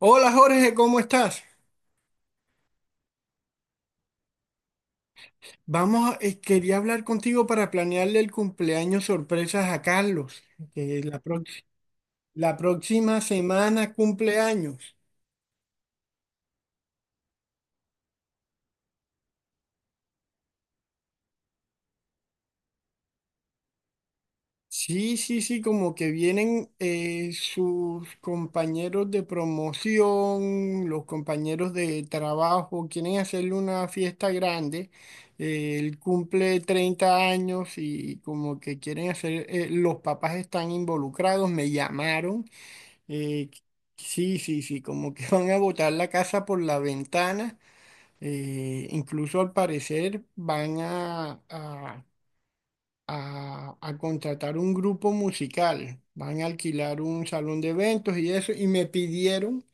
Hola Jorge, ¿cómo estás? Vamos, quería hablar contigo para planearle el cumpleaños sorpresas a Carlos, que la, prox- la próxima semana cumpleaños. Sí, sí, sí, como que vienen sus compañeros de promoción, los compañeros de trabajo, quieren hacerle una fiesta grande. Él cumple 30 años y como que quieren hacer, los papás están involucrados, me llamaron. Eh, sí, sí, sí, como que van a botar la casa por la ventana. Incluso al parecer van a, a contratar un grupo musical. Van a alquilar un salón de eventos y eso. Y me pidieron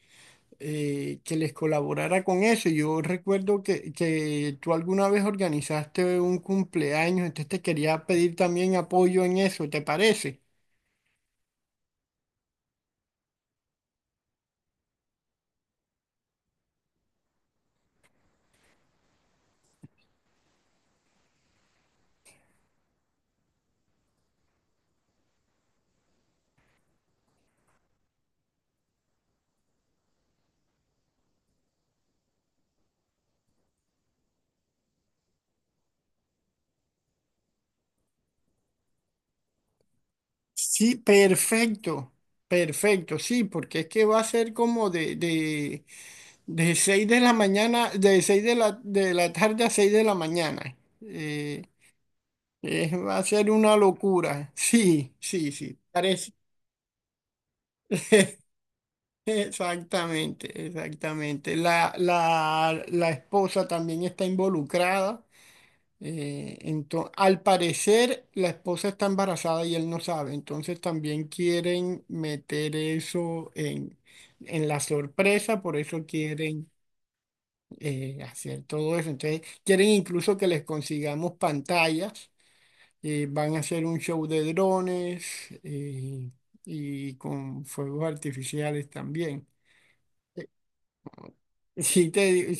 que les colaborara con eso. Yo recuerdo que, tú alguna vez organizaste un cumpleaños, entonces te quería pedir también apoyo en eso, ¿te parece? Sí, perfecto, perfecto, sí, porque es que va a ser como de 6 de la mañana, de 6 de la tarde a 6 de la mañana. Va a ser una locura. Sí, sí, sí, parece. Exactamente, exactamente. La esposa también está involucrada. Al parecer, la esposa está embarazada y él no sabe, entonces también quieren meter eso en la sorpresa, por eso quieren hacer todo eso. Entonces, quieren incluso que les consigamos pantallas, van a hacer un show de drones eh, y con fuegos artificiales también. Sí, te digo,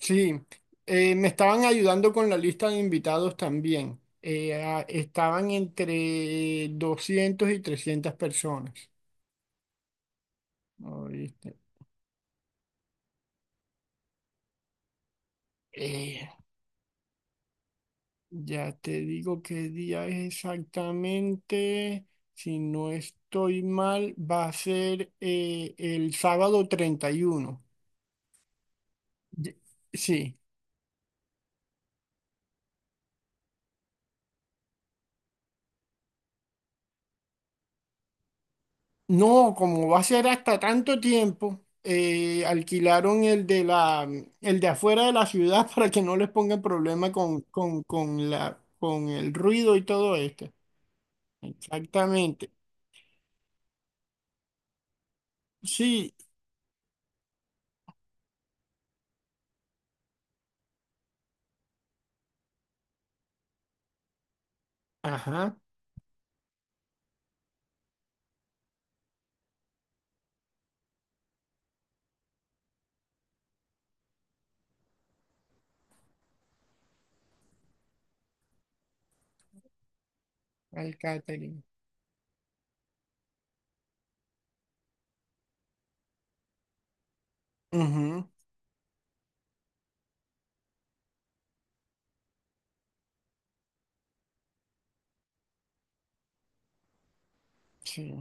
Sí, me estaban ayudando con la lista de invitados también. Estaban entre 200 y 300 personas. Ahorita, eh, ya te digo qué día es exactamente. Si no estoy mal, va a ser el sábado 31. Ye- Sí. No, como va a ser hasta tanto tiempo, alquilaron el de la, el de afuera de la ciudad para que no les pongan problema con el ruido y todo esto. Exactamente. Sí, ajá, el catering. Ujú, sí,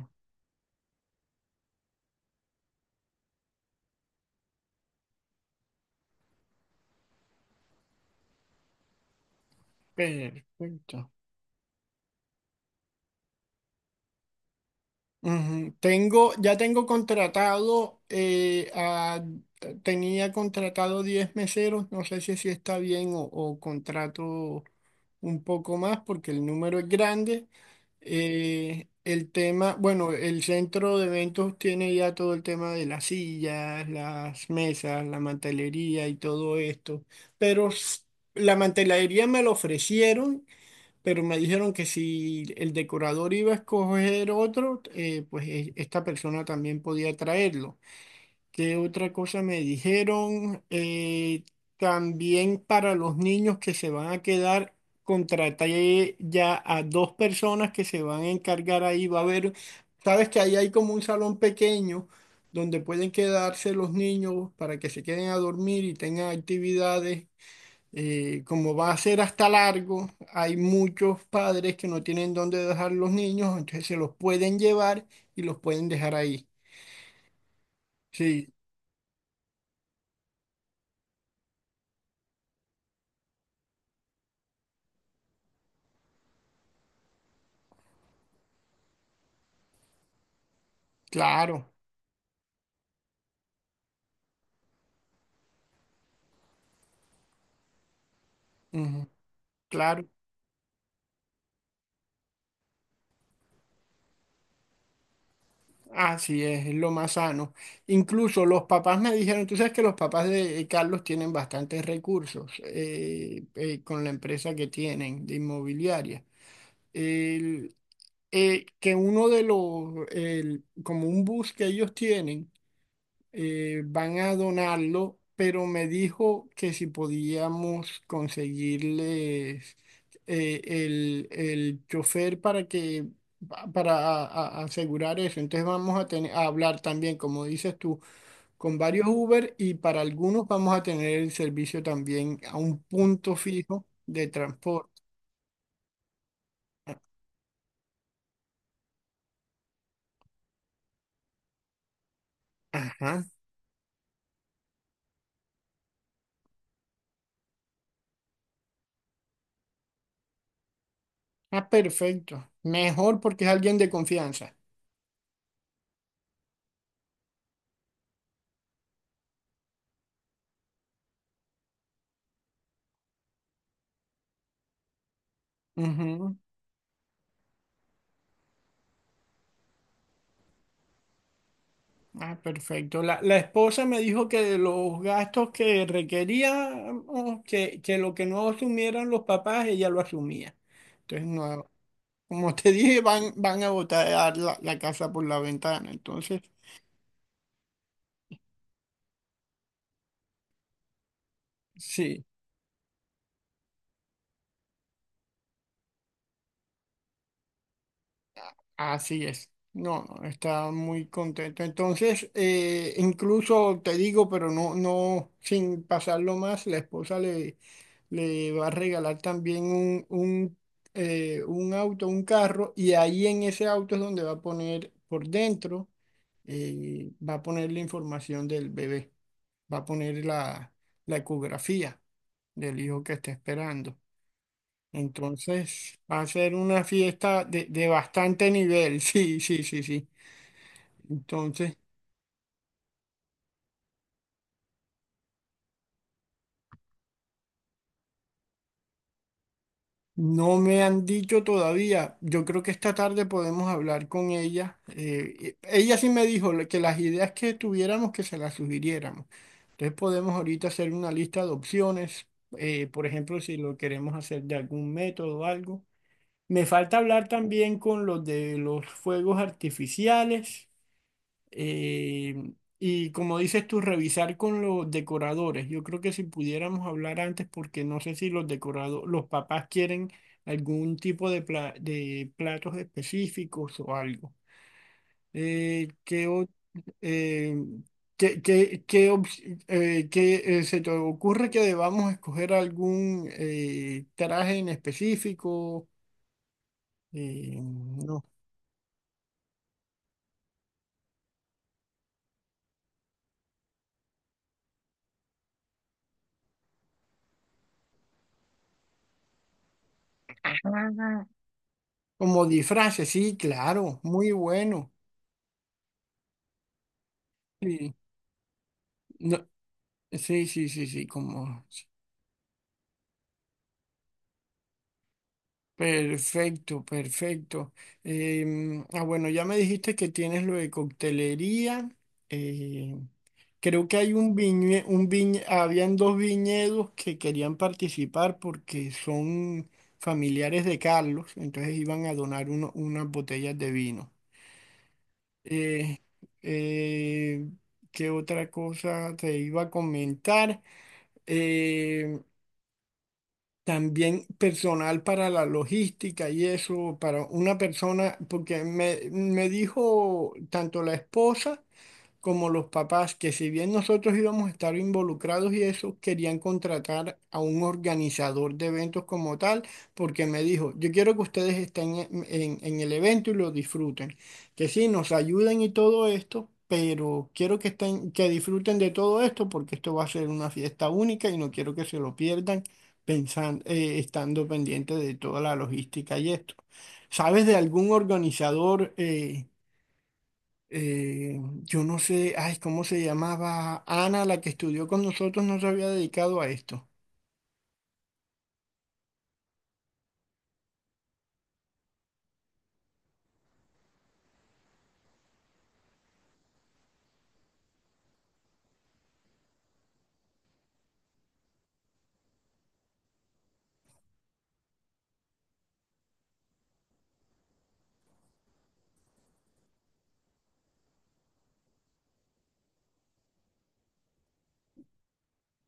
perfecto. Ujú. Tengo, ya tengo contratado, tenía contratado 10 meseros, no sé si así está bien o contrato un poco más porque el número es grande. El tema, bueno, el centro de eventos tiene ya todo el tema de las sillas, las mesas, la mantelería y todo esto. Pero s- la mantelería me lo ofrecieron, pero me dijeron que si el decorador iba a escoger otro, esta persona también podía traerlo. ¿Qué otra cosa me dijeron? También para los niños que se van a quedar, contraté ya a dos personas que se van a encargar ahí. Va a haber, sabes que ahí hay como un salón pequeño donde pueden quedarse los niños para que se queden a dormir y tengan actividades. Como va a ser hasta largo, hay muchos padres que no tienen dónde dejar los niños, entonces se los pueden llevar y los pueden dejar ahí. Sí, claro. Ujú. Claro, así es lo más sano. Incluso los papás me dijeron, tú sabes que los papás de Carlos tienen bastantes recursos, con la empresa que tienen de inmobiliaria. El- que uno de los, como un bus que ellos tienen, van a donarlo, pero me dijo que si podíamos conseguirles el chofer para que pa- para asegurar eso. Entonces vamos a tener a hablar también, como dices tú, con varios Uber y para algunos vamos a tener el servicio también a un punto fijo de transporte. Ajá. Ah, perfecto. Mejor porque es alguien de confianza. Ujú. Ah, perfecto. La esposa me dijo que de los gastos que requería, oh, que lo que no asumieran los papás, ella lo asumía. Entonces, no, como te dije, van, van a botar la casa por la ventana. Entonces, sí. Así es. No, no, está muy contento. Entonces, incluso te digo, pero no, no, sin pasarlo más, la esposa le, le va a regalar también un auto, un carro, y ahí en ese auto es donde va a poner por dentro, va a poner la información del bebé, va a poner la ecografía del hijo que está esperando. Entonces, va a ser una fiesta de, bastante nivel, sí, sí, sí, sí. Entonces, no me han dicho todavía. Yo creo que esta tarde podemos hablar con ella. Ella sí me dijo que las ideas que tuviéramos, que se las sugiriéramos. Entonces podemos ahorita hacer una lista de opciones. Por ejemplo, si lo queremos hacer de algún método o algo. Me falta hablar también con los de los fuegos artificiales. Eh, y como dices tú, revisar con los decoradores. Yo creo que si pudiéramos hablar antes, porque no sé si los los papás quieren algún tipo de, de platos específicos o algo. ¿Qué, o- eh, qué, qué- qué ops- qué, Se te ocurre que debamos escoger algún traje en específico? No. Como disfraces, sí, claro, muy bueno. Sí. No, sí, sí, sí, sí, como... Perfecto, perfecto. Bueno, ya me dijiste que tienes lo de coctelería. eh, Creo que hay un habían dos viñedos que querían participar porque son familiares de Carlos, entonces iban a donar unas botellas de vino. Eh, eh, ¿Qué otra cosa te iba a comentar? Eh, También personal para la logística y eso, para una persona, porque me dijo tanto la esposa como los papás, que si bien nosotros íbamos a estar involucrados y eso, querían contratar a un organizador de eventos como tal, porque me dijo, yo quiero que ustedes estén en el evento y lo disfruten, que sí, nos ayuden y todo esto. Pero quiero que estén, que disfruten de todo esto porque esto va a ser una fiesta única y no quiero que se lo pierdan pensando, estando pendiente de toda la logística y esto. ¿Sabes de algún organizador? Yo no sé, ay, ¿cómo se llamaba? Ana, la que estudió con nosotros, no se había dedicado a esto.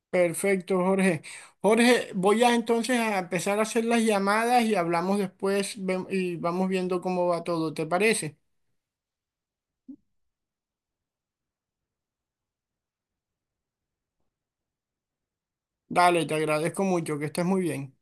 Perfecto, Jorge. Jorge, voy a entonces a empezar a hacer las llamadas y hablamos después y vamos viendo cómo va todo, ¿te parece? Dale, te agradezco mucho, que estés muy bien.